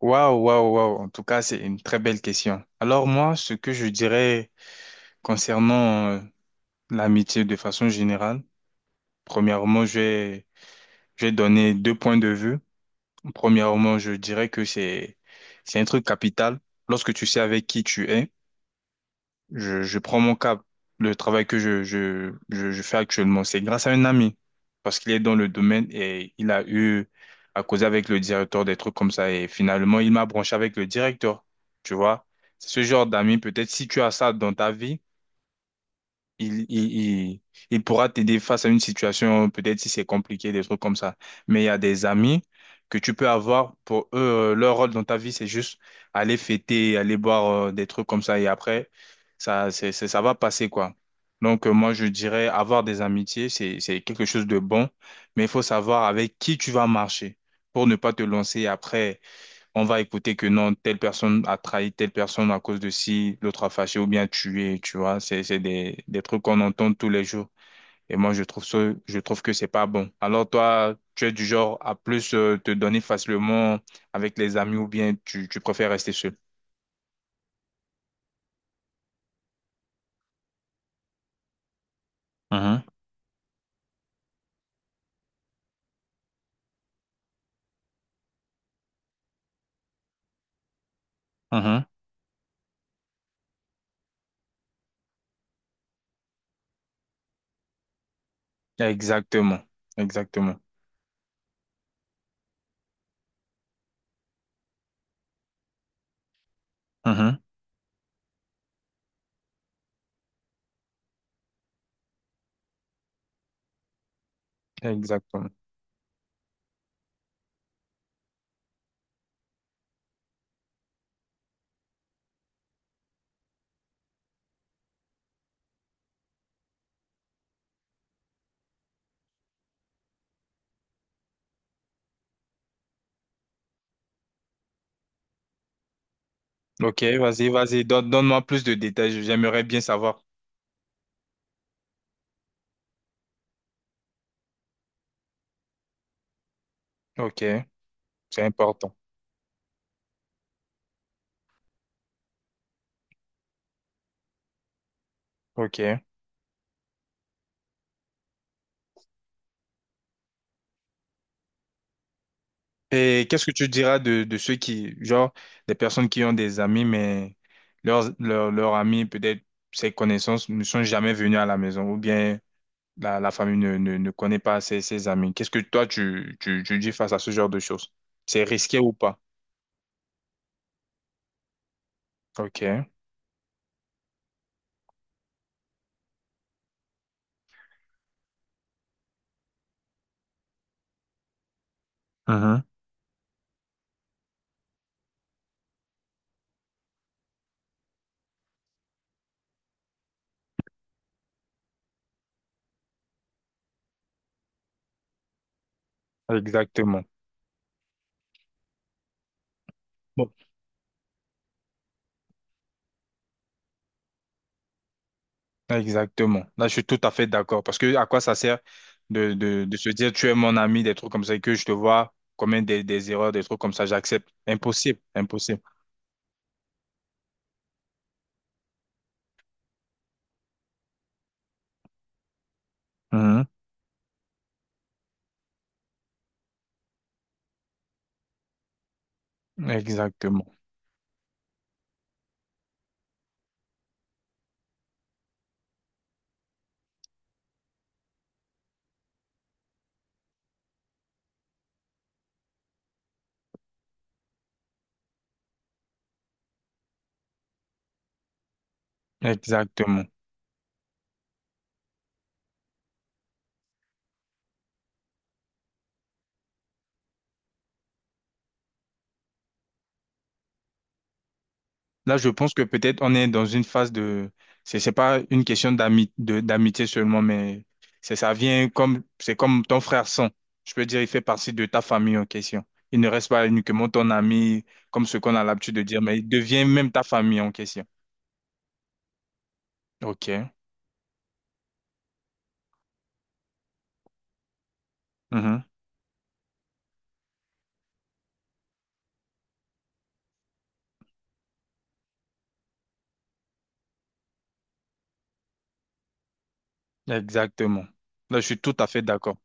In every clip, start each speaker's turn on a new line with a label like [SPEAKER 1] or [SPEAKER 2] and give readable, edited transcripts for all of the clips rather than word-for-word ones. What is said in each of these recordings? [SPEAKER 1] Waouh, waouh, waouh. En tout cas, c'est une très belle question. Alors moi, ce que je dirais concernant l'amitié de façon générale, premièrement, je vais donner deux points de vue. Premièrement, je dirais que c'est un truc capital lorsque tu sais avec qui tu es. Je prends mon cap. Le travail que je fais actuellement, c'est grâce à un ami. Parce qu'il est dans le domaine et il a eu à causer avec le directeur des trucs comme ça. Et finalement, il m'a branché avec le directeur. Tu vois? C'est ce genre d'amis. Peut-être si tu as ça dans ta vie, il, il, il, il pourra t'aider face à une situation, peut-être si c'est compliqué, des trucs comme ça. Mais il y a des amis que tu peux avoir pour eux, leur rôle dans ta vie, c'est juste aller fêter, aller boire des trucs comme ça. Et après, ça, ça va passer, quoi. Donc, moi, je dirais avoir des amitiés, c'est quelque chose de bon, mais il faut savoir avec qui tu vas marcher pour ne pas te lancer après on va écouter que non, telle personne a trahi telle personne à cause de si l'autre a fâché ou bien tué, tu vois. C'est des trucs qu'on entend tous les jours. Et moi, je trouve ça, je trouve que c'est pas bon. Alors toi, tu es du genre à plus te donner facilement avec les amis ou bien tu préfères rester seul. Mhm, mhm. Exactement. Exactement. Mhm. Exactement. Ok, vas-y, vas-y. Donne, donne-moi plus de détails. J'aimerais bien savoir. Ok, c'est important. Ok. Et qu'est-ce que tu diras de ceux qui, genre, des personnes qui ont des amis, mais leurs amis, peut-être ses connaissances, ne sont jamais venus à la maison, ou bien la famille ne connaît pas ses, ses amis. Qu'est-ce que toi, tu dis face à ce genre de choses? C'est risqué ou pas? OK. Mhm. Exactement. Bon. Exactement. Là, je suis tout à fait d'accord. Parce que à quoi ça sert de, de se dire, tu es mon ami, des trucs comme ça, et que je te vois commettre des erreurs, des trucs comme ça, j'accepte. Impossible. Impossible. Exactement, exactement. Là, je pense que peut-être on est dans une phase de, c'est pas une question d'ami, de, d'amitié seulement, mais c'est ça vient comme, c'est comme ton frère sang. Je peux dire, il fait partie de ta famille en question. Il ne reste pas uniquement ton ami, comme ce qu'on a l'habitude de dire, mais il devient même ta famille en question. Ok. Mhm. Exactement. Là, je suis tout à fait d'accord.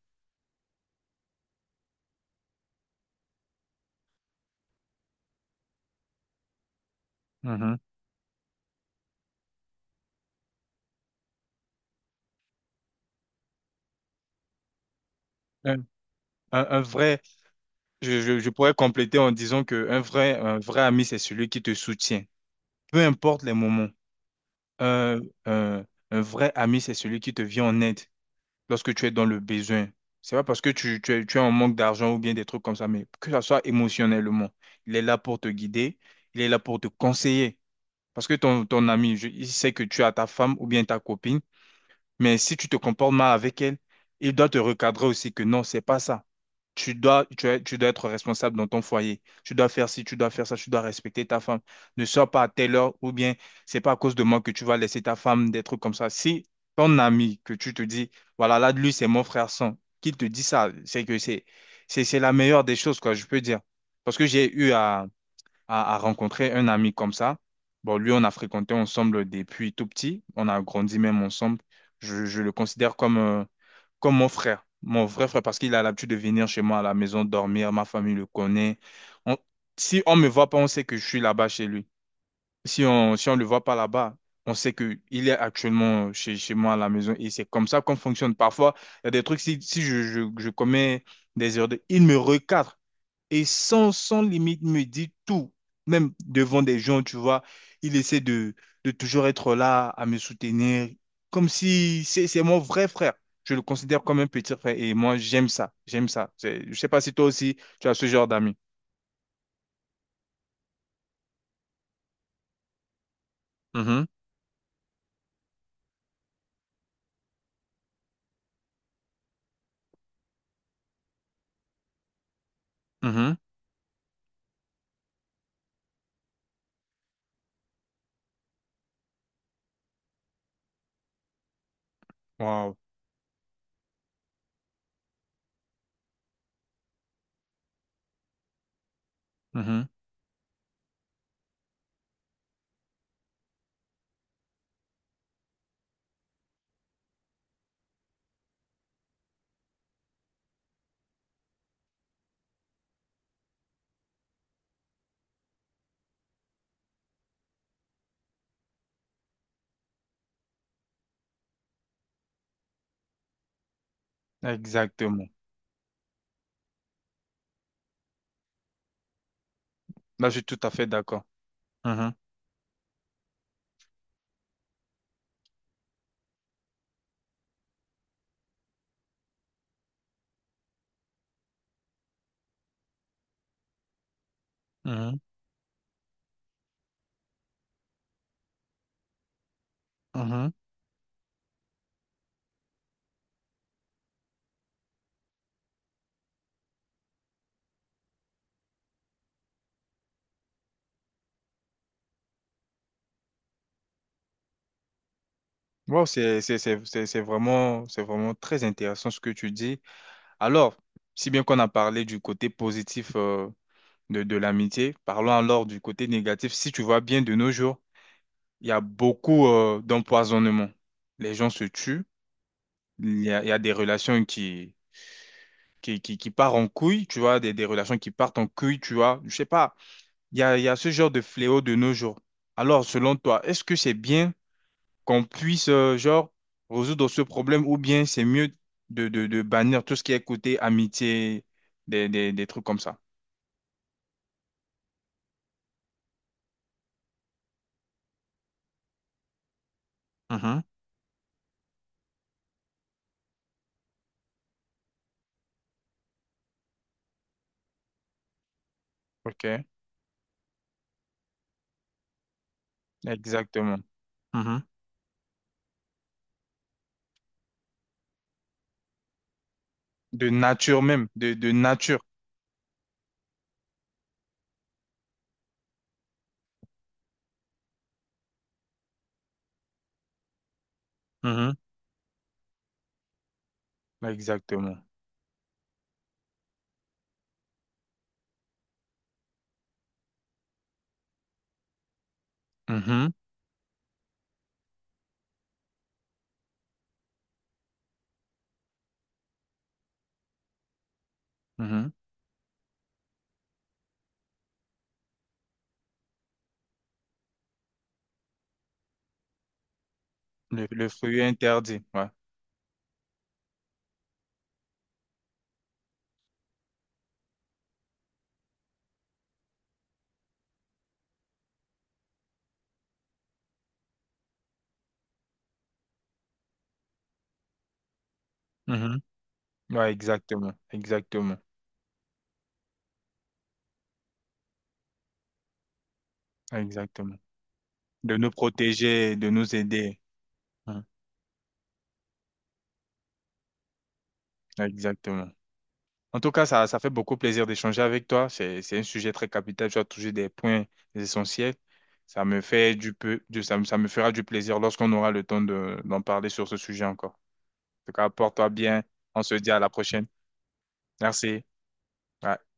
[SPEAKER 1] Mhm. Un, un vrai, je pourrais compléter en disant que un vrai ami, c'est celui qui te soutient, peu importe les moments. Un, un- un vrai ami, c'est celui qui te vient en aide lorsque tu es dans le besoin. C'est pas parce que tu es en manque d'argent ou bien des trucs comme ça, mais que ça soit émotionnellement. Il est là pour te guider, il est là pour te conseiller. Parce que ton, ton ami, je- il sait que tu as ta femme ou bien ta copine, mais si tu te comportes mal avec elle, il doit te recadrer aussi que non, c'est pas ça tu dois, tu, es- tu dois être responsable dans ton foyer. Tu dois faire ci, tu dois faire ça, tu dois respecter ta femme. Ne sors pas à telle heure ou bien c'est pas à cause de moi que tu vas laisser ta femme des trucs comme ça. Si ton ami que tu te dis, voilà, là, lui, c'est mon frère sang, qui te dit ça, c'est que c'est c'est la meilleure des choses, quoi, je peux dire. Parce que j'ai eu à rencontrer un ami comme ça. Bon, lui, on a fréquenté ensemble depuis tout petit. On a grandi même ensemble. Je le considère comme, comme mon frère, mon vrai frère, parce qu'il a l'habitude de venir chez moi à la maison dormir, ma famille le connaît. On- si on me voit pas, on sait que je suis là-bas chez lui. Si on si on le voit pas là-bas, on sait que il est actuellement chez, chez moi à la maison. Et c'est comme ça qu'on fonctionne. Parfois, il y a des trucs, si, si je commets des erreurs, de- il me recadre. Et sans, sans limite me dit tout, même devant des gens, tu vois, il essaie de toujours être là à me soutenir, comme si c'est c'est mon vrai frère. Je le considère comme un petit frère et moi, j'aime ça, j'aime ça. C'est- Je sais pas si toi aussi, tu as ce genre d'amis. Mhm, mhm. Wow. Mhm. Exactement. Là, je suis tout à fait d'accord. Mhm, mhm, mhm. Wow, c'est vraiment très intéressant ce que tu dis. Alors, si bien qu'on a parlé du côté positif, de l'amitié. Parlons alors du côté négatif. Si tu vois bien de nos jours, il y a beaucoup d'empoisonnement. Les gens se tuent, il y a des relations qui, qui partent en couille, tu vois, des relations qui partent en couille, tu vois. Je sais pas, il y a ce genre de fléau de nos jours. Alors, selon toi, est-ce que c'est bien qu'on puisse, genre, résoudre ce problème ou bien c'est mieux de, de bannir tout ce qui est côté amitié, des trucs comme ça? Mhm, Ok, exactement. Mhm. De nature même, de nature. Mhm. Exactement. Mhm, mhm. Le fruit interdit, ouais. Mhm. Ouais, exactement, exactement, exactement. De nous protéger, de nous aider. Mhm. Exactement. En tout cas, ça fait beaucoup plaisir d'échanger avec toi. C'est un sujet très capital. Tu as touché des points essentiels. Ça me fera du plaisir lorsqu'on aura le temps de, d'en parler sur ce sujet encore. En tout cas, porte-toi bien. On se dit à la prochaine. Merci. Ouais.